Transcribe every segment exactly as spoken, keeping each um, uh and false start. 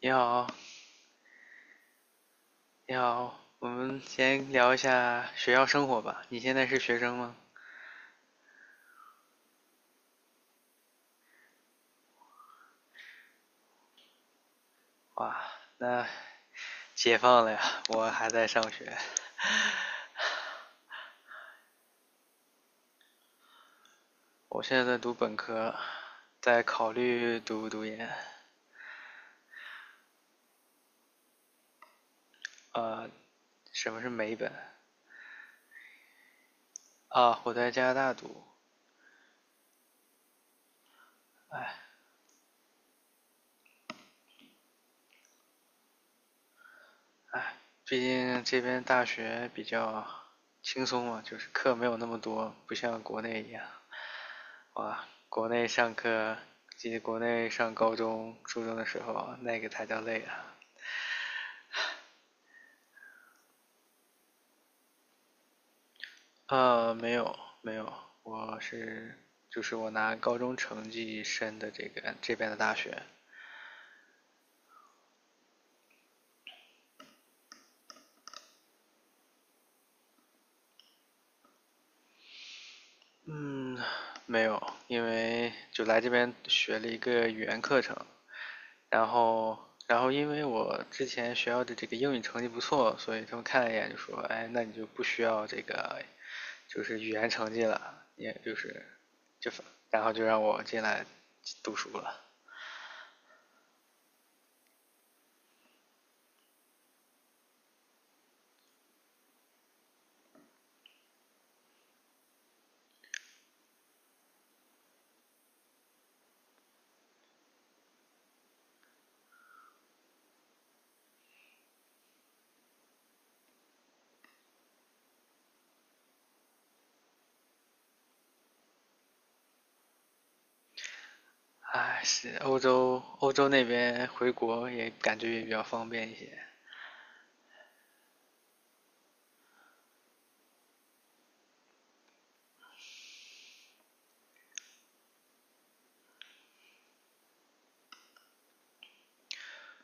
你好，你好，我们先聊一下学校生活吧。你现在是学生吗？哇，那解放了呀！我还在上学，我现在在读本科，在考虑读不读研。呃，什么是美本？啊，我在加拿大读，毕竟这边大学比较轻松嘛，就是课没有那么多，不像国内一样。哇，国内上课，记得国内上高中、初中的时候，那个才叫累啊。呃，没有没有，我是就是我拿高中成绩申的这个这边的大学。嗯，没有，因为就来这边学了一个语言课程，然后然后因为我之前学校的这个英语成绩不错，所以他们看了一眼就说，哎，那你就不需要这个就是语言成绩了，也就是就然后就让我进来读书了。哎，是欧洲，欧洲那边回国也感觉也比较方便一些。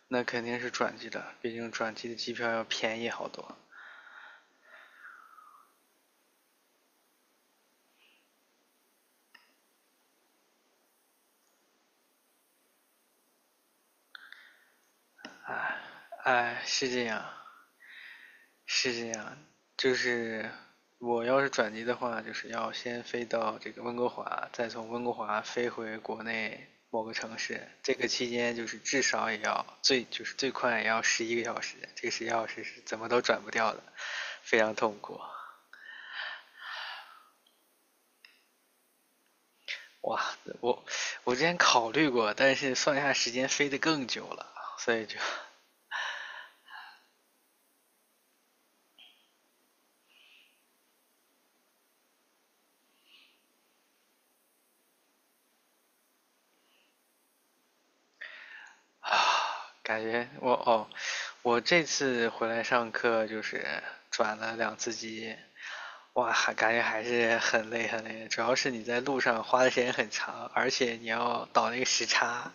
那肯定是转机的，毕竟转机的机票要便宜好多。哎，是这样，是这样，就是我要是转机的话，就是要先飞到这个温哥华，再从温哥华飞回国内某个城市。这个期间就是至少也要最就是最快也要十一个小时，这个十一个小时是怎么都转不掉的，非常痛苦。哇，我我之前考虑过，但是算一下时间飞得更久了，所以就啊，感觉我哦，我这次回来上课就是转了两次机，哇，还感觉还是很累很累，主要是你在路上花的时间很长，而且你要倒那个时差，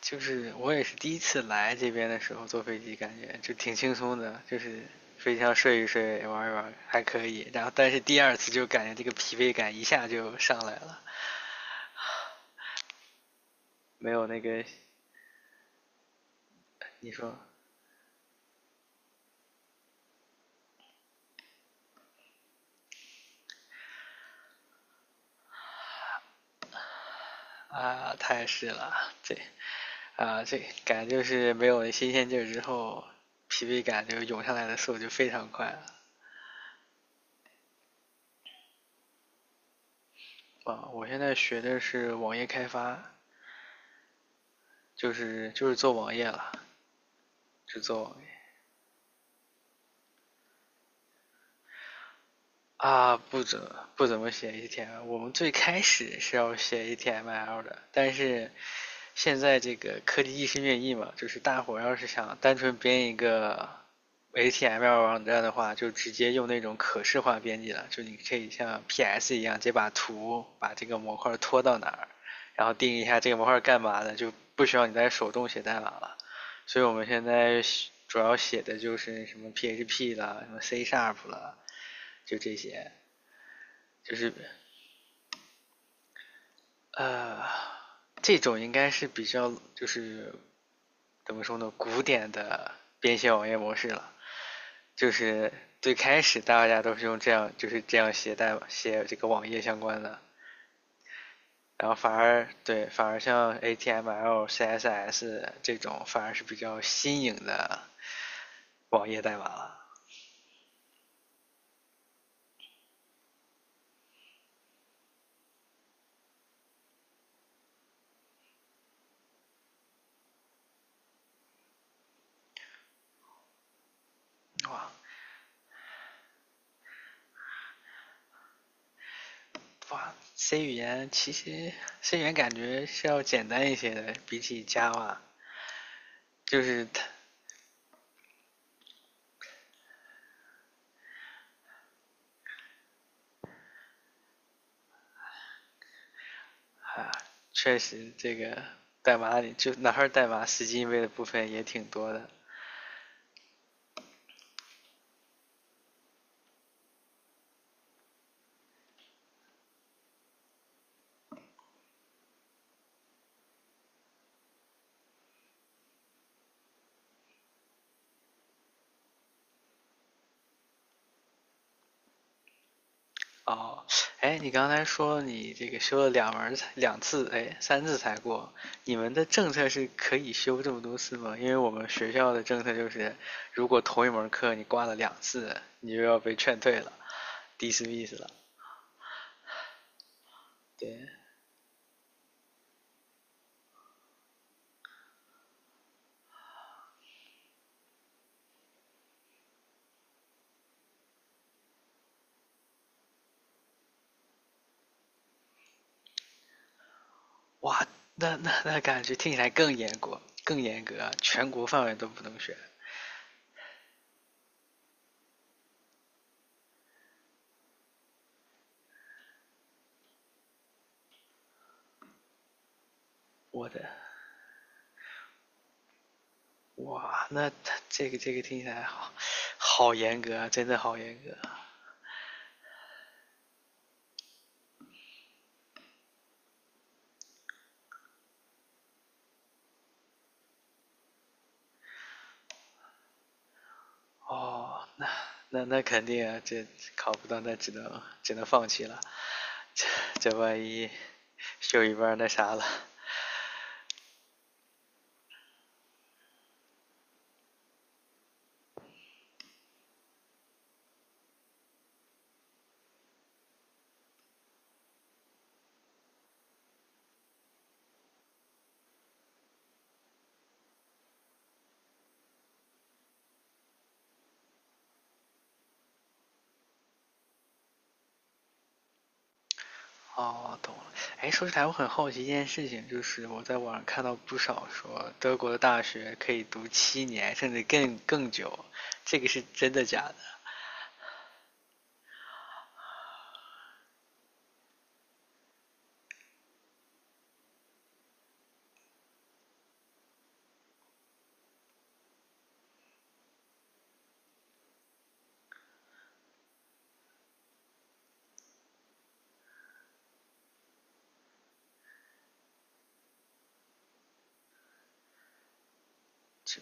就是我也是第一次来这边的时候坐飞机，感觉就挺轻松的，就是飞机上睡一睡、玩一玩还可以。然后但是第二次就感觉这个疲惫感一下就上来了。没有那个你说。啊，太是了。这啊这感觉就是没有新鲜劲儿之后，疲惫感就涌上来的速度就非常快了。啊，我现在学的是网页开发，就是就是做网页了，只做网页。啊，不怎不怎么写 H T M L。我们最开始是要写 H T M L 的，但是现在这个科技日新月异嘛，就是大伙要是想单纯编一个 H T M L 网站的话，就直接用那种可视化编辑了，就你可以像 P S 一样，直接把图把这个模块拖到哪儿，然后定义一下这个模块干嘛的，就不需要你再手动写代码了。所以我们现在主要写的就是什么 P H P 啦，什么 C Sharp 啦，就这些。就是呃，这种应该是比较就是怎么说呢，古典的编写网页模式了。就是最开始大家都是用这样，就是这样写代码写这个网页相关的，然后反而对，反而像 A t m l C S S 这种反而是比较新颖的网页代码了。哇哇，C 语言其实 C 语言感觉是要简单一些的，比起 Java，就是它确实，这个代码里就哪块代码死记硬背的部分也挺多的。哦，哎，你刚才说你这个修了两门两次，哎，三次才过。你们的政策是可以修这么多次吗？因为我们学校的政策就是，如果同一门课你挂了两次，你就要被劝退了，dismiss 了。对，哇，那那那感觉听起来更严格，更严格啊全国范围都不能选。我的哇，那他这个这个听起来好，好严格啊，真的好严格哦。那那肯定啊，这考不到，那只能只能放弃了。这这万一修一半那啥了。哦，懂了。哎，说起来，我很好奇一件事情，就是我在网上看到不少说德国的大学可以读七年，甚至更更久，这个是真的假的？这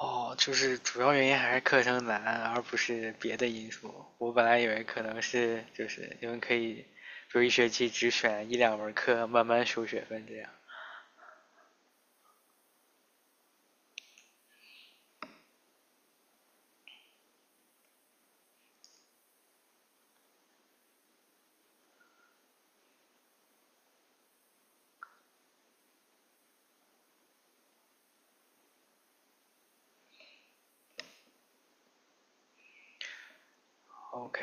哦，就是主要原因还是课程难，而不是别的因素。我本来以为可能是就是你们可以，就一学期只选一两门课，慢慢修学分这样。OK，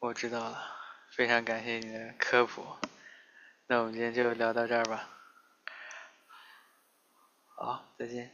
我知道了，非常感谢你的科普。那我们今天就聊到这儿吧。好，再见。